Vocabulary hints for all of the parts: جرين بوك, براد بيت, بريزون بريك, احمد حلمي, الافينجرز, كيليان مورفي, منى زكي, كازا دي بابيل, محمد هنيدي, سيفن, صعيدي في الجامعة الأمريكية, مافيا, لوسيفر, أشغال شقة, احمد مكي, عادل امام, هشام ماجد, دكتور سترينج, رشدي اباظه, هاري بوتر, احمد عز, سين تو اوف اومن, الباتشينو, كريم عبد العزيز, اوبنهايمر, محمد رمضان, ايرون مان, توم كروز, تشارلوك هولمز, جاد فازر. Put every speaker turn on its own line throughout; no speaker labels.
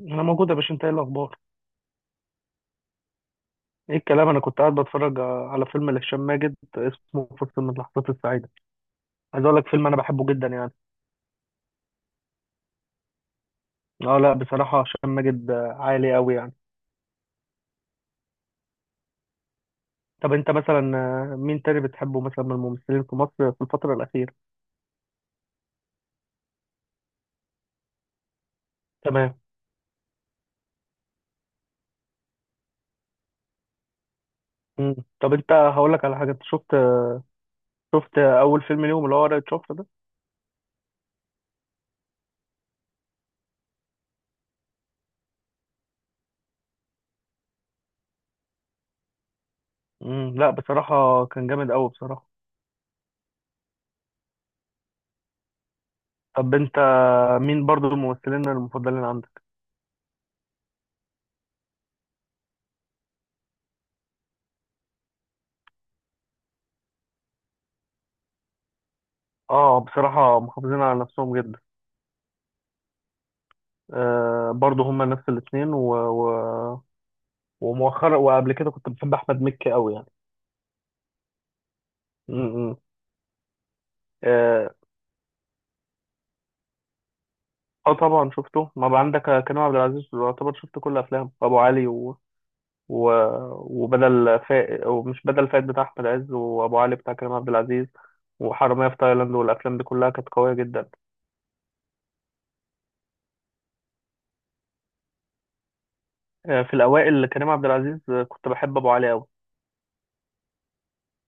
انا موجود يا باشا، انت ايه الاخبار؟ ايه الكلام؟ انا كنت قاعد بتفرج على فيلم لهشام ماجد اسمه فرصة من اللحظات السعيدة. عايز اقول لك فيلم انا بحبه جدا يعني. اه، لا بصراحة هشام ماجد عالي قوي يعني. طب انت مثلا، مين تاني بتحبه مثلا من الممثلين في مصر في الفترة الأخيرة؟ تمام. مم. طب انت هقول لك على حاجة. انت شفت اول فيلم ليهم اللي هو ورقة شفرة ده؟ مم. لا بصراحة كان جامد قوي بصراحة. طب انت مين برضو الممثلين المفضلين عندك؟ اه، بصراحة محافظين على نفسهم جدا. آه برضه هما نفس الاثنين ومؤخرا وقبل كده كنت بحب احمد مكي قوي يعني. م- م. اه، طبعا شفته. ما بقى عندك؟ كريم عبد العزيز يعتبر شفت كل افلامه، ابو علي و... وبدل فائد ومش بدل فائد بتاع احمد عز، وابو علي بتاع كريم عبد العزيز، وحرامية في تايلاند، والافلام دي كلها كانت قويه جدا. آه، في الاوائل كريم عبد العزيز كنت بحب ابو علي قوي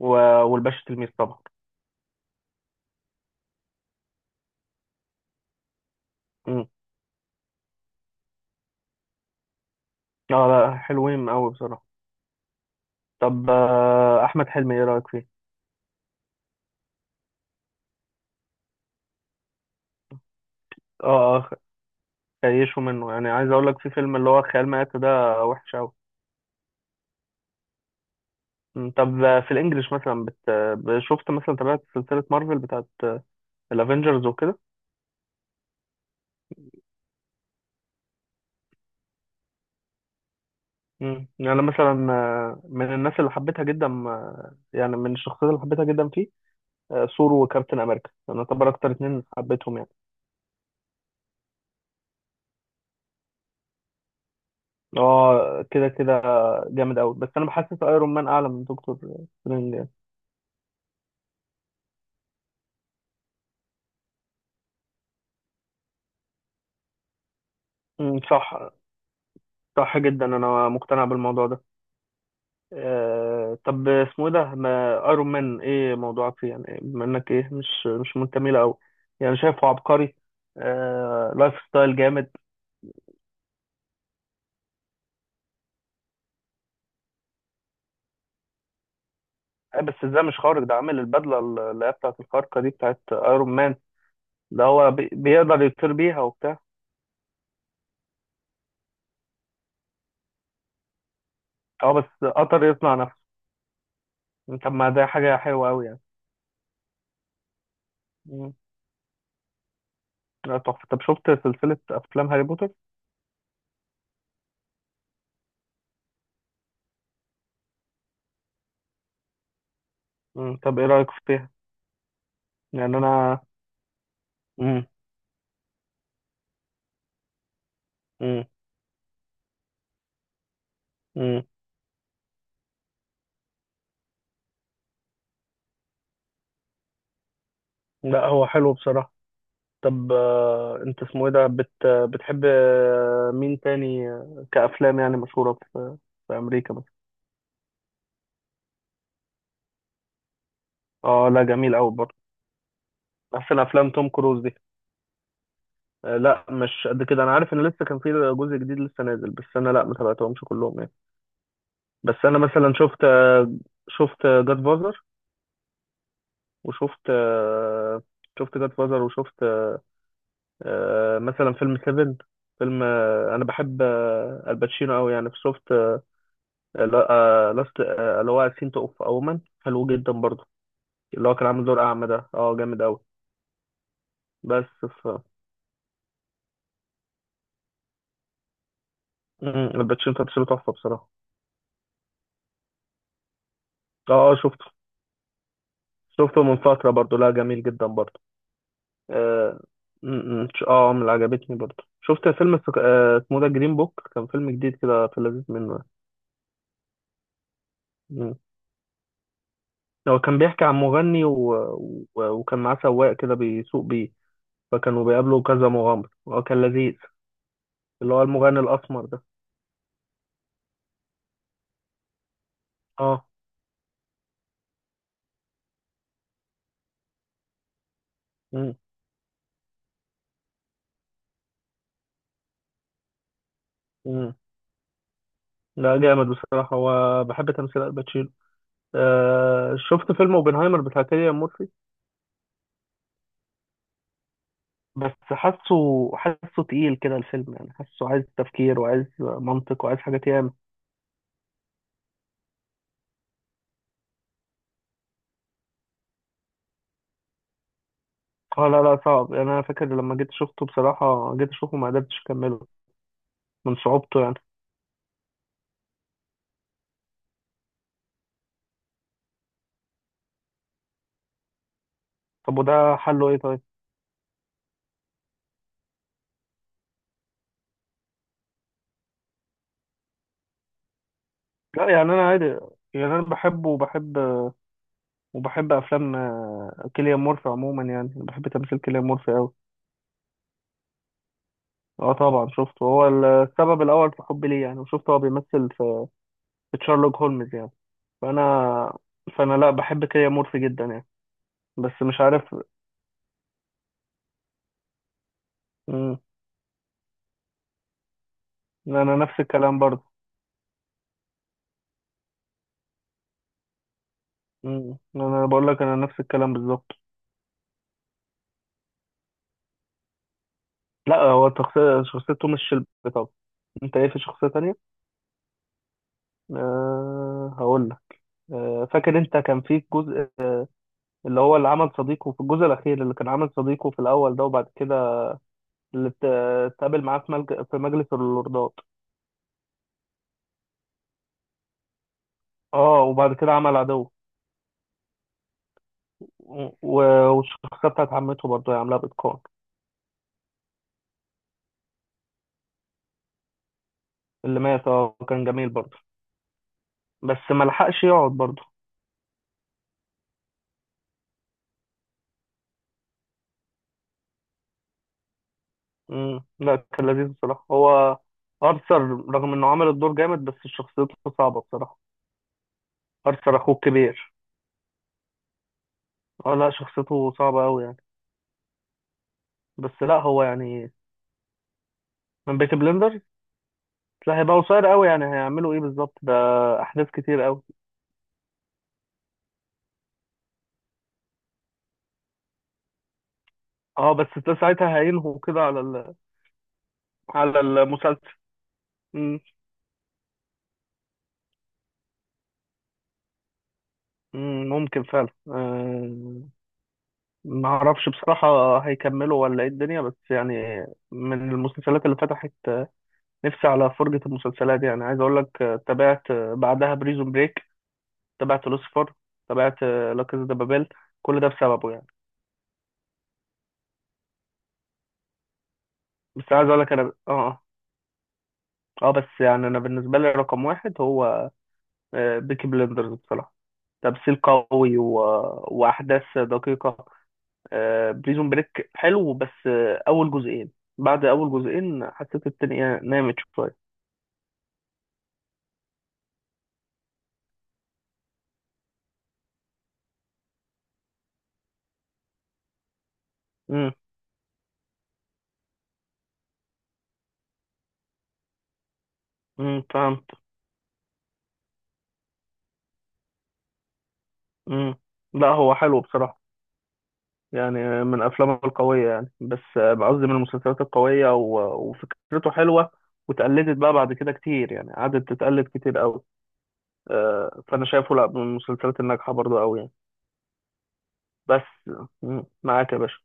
و... والباشا تلميذ طبعا. م. اه لا، حلوين قوي بصراحه. طب احمد حلمي ايه رايك فيه؟ اه، كيشوا منه. يعني عايز اقول لك في فيلم اللي هو خيال مآتة ده وحش قوي. طب في الانجليش مثلا بت... آه، شفت مثلا؟ تابعت سلسلة مارفل بتاعت الافينجرز وكده؟ يعني أنا مثلا من الناس اللي حبيتها جدا، يعني من الشخصيات اللي حبيتها جدا فيه ثور وكابتن امريكا. انا اعتبر اكتر اتنين حبيتهم يعني. اه كده كده، جامد قوي. بس انا بحسس ايرون مان اعلى من دكتور سترينج يعني. مم، صح. صح جدا، انا مقتنع بالموضوع ده. طب اسمه ايه ده؟ ما ايرون مان ايه موضوعك فيه يعني؟ بما انك ايه مش منتمي له قوي، يعني شايفه عبقري. آه، لايف ستايل جامد. بس ازاي مش خارق ده؟ عامل البدله اللي هي بتاعت الخارقه دي بتاعت ايرون مان. ده هو بيقدر يطير بيها وبتاع. اه، بس قطر يصنع نفسه، طب ما ده حاجه حلوه قوي يعني. مم. لا تحفه. طب شفت سلسله افلام هاري بوتر؟ مم. طب ايه رايك فيها؟ يعني انا. مم. مم. مم. لا هو حلو بصراحه. طب انت اسمه ايه ده؟ بتحب مين تاني كأفلام يعني مشهورة في أمريكا مثلا؟ اه لا، جميل قوي برضه. أحسن أفلام توم كروز دي؟ لا مش قد كده. أنا عارف إن لسه كان في جزء جديد لسه نازل، بس أنا لا ما تابعتهمش كلهم يعني. بس أنا مثلا شفت آه، شفت جاد فازر وشفت آه، شفت جاد فازر، وشفت مثلا فيلم سيفن. فيلم أنا بحب الباتشينو قوي يعني. لا- آه، لاست آه، اللي هو سين تو اوف اومن حلو جدا برضه. اللي هو كان عامل دور اعمى ده، اه جامد قوي. بس ف مم، الباتشينو تمثيله تحفه بصراحه. اه اه، شفته. شفته من فتره برضه. لا، جميل جدا برضه. اه. مم، اه، من اللي عجبتني برضه شفت فيلم اسمه ده جرين بوك. كان فيلم جديد كده، في اللذيذ منه. مم. هو كان بيحكي عن مغني وكان معاه سواق كده بيسوق بيه. فكانوا بيقابلوا كذا مغامر، هو كان لذيذ. اللي هو المغني الاسمر ده. اه. مم. لا جامد بصراحة، وبحب تمثيل الباتشينو. آه، شفت فيلم اوبنهايمر بتاع كيليان مورفي. بس حاسه تقيل كده الفيلم يعني. حاسه عايز تفكير وعايز منطق وعايز حاجات ياما. اه لا لا، صعب يعني. انا فاكر لما جيت شفته بصراحة، جيت اشوفه ما قدرتش اكمله من صعوبته يعني. طب وده حله ايه طيب؟ لا يعني انا عادي. يعني انا بحبه، وبحب افلام كيليان مورفي عموما، يعني بحب تمثيل كيليان مورفي قوي. اه طبعا، شفته. هو السبب الاول في حبي ليه يعني. وشفته هو بيمثل في تشارلوك هولمز يعني. فانا فانا لا بحب كيليان مورفي جدا يعني. بس مش عارف. مم. انا نفس الكلام برضه. انا بقول لك انا نفس الكلام بالظبط. لا هو شخصيته مش شلبي طبعا. انت ايه في شخصية تانية؟ أه هقول لك. أه فاكر انت كان في جزء، اللي هو اللي عمل صديقه في الجزء الاخير، اللي كان عمل صديقه في الاول ده، وبعد كده اللي ات- اتقابل معاه في في مجلس اللوردات. اه، وبعد كده عمل عدو. و- والشخصية بتاعت عمته برضه هي عاملاها بإتقان. اللي مات، اه كان جميل برضه. بس ما لحقش يقعد برضه. لا كان لذيذ بصراحة هو. أرثر، رغم إنه عمل الدور جامد، بس شخصيته صعبة بصراحة. أرثر أخوه الكبير. اه لا، شخصيته صعبة أوي يعني. بس لا هو يعني. من بيكي بلندرز. لا هيبقى قصير أوي يعني، هيعملوا إيه بالظبط ده؟ أحداث كتير أوي. اه بس ده ساعتها هينهوا كده على ال... على المسلسل. امم ممكن فعلا. ما اعرفش بصراحة هيكملوا ولا ايه الدنيا بس يعني. من المسلسلات اللي فتحت نفسي على فرجة المسلسلات يعني، عايز اقول لك، تابعت بعدها بريزون بريك. تابعت لوسيفر. تابعت لا كازا دي بابيل. كل ده بسببه يعني. بس عايز اقول لك انا اه، اه، بس يعني انا بالنسبة لي رقم واحد هو بيكي بلندرز بصراحة. تمثيل قوي واحداث دقيقة. بريزون بريك حلو بس اول جزئين. بعد اول جزئين حسيت الدنيا نامت شوية. فهمت. امم لا هو حلو بصراحة. يعني من أفلامه القوية يعني، بس قصدي من المسلسلات القوية وفكرته حلوة، واتقلدت بقى بعد كده كتير يعني، قعدت تتقلد كتير قوي. فأنا شايفه لا من المسلسلات الناجحة برضه قوي يعني. بس. مم، معاك يا باشا.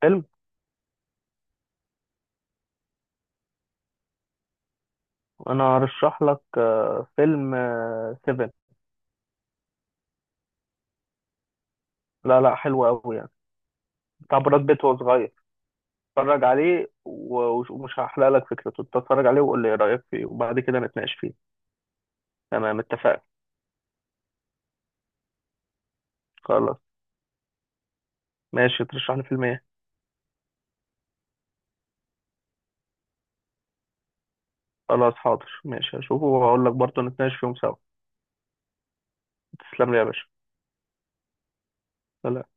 فيلم. أنا هرشح لك فيلم سيفن. لا لا، حلو قوي يعني. بتاع براد بيت وهو صغير. اتفرج عليه ومش هحرق لك فكرته. اتفرج عليه وقول لي ايه رأيك فيه، وبعد كده نتناقش فيه. تمام، اتفقنا. خلاص. ماشي، ترشح لي فيلم ايه؟ خلاص حاضر، ماشي هشوفه واقول لك برضه نتناقش فيهم سوا. تسلم لي يا باشا. سلام.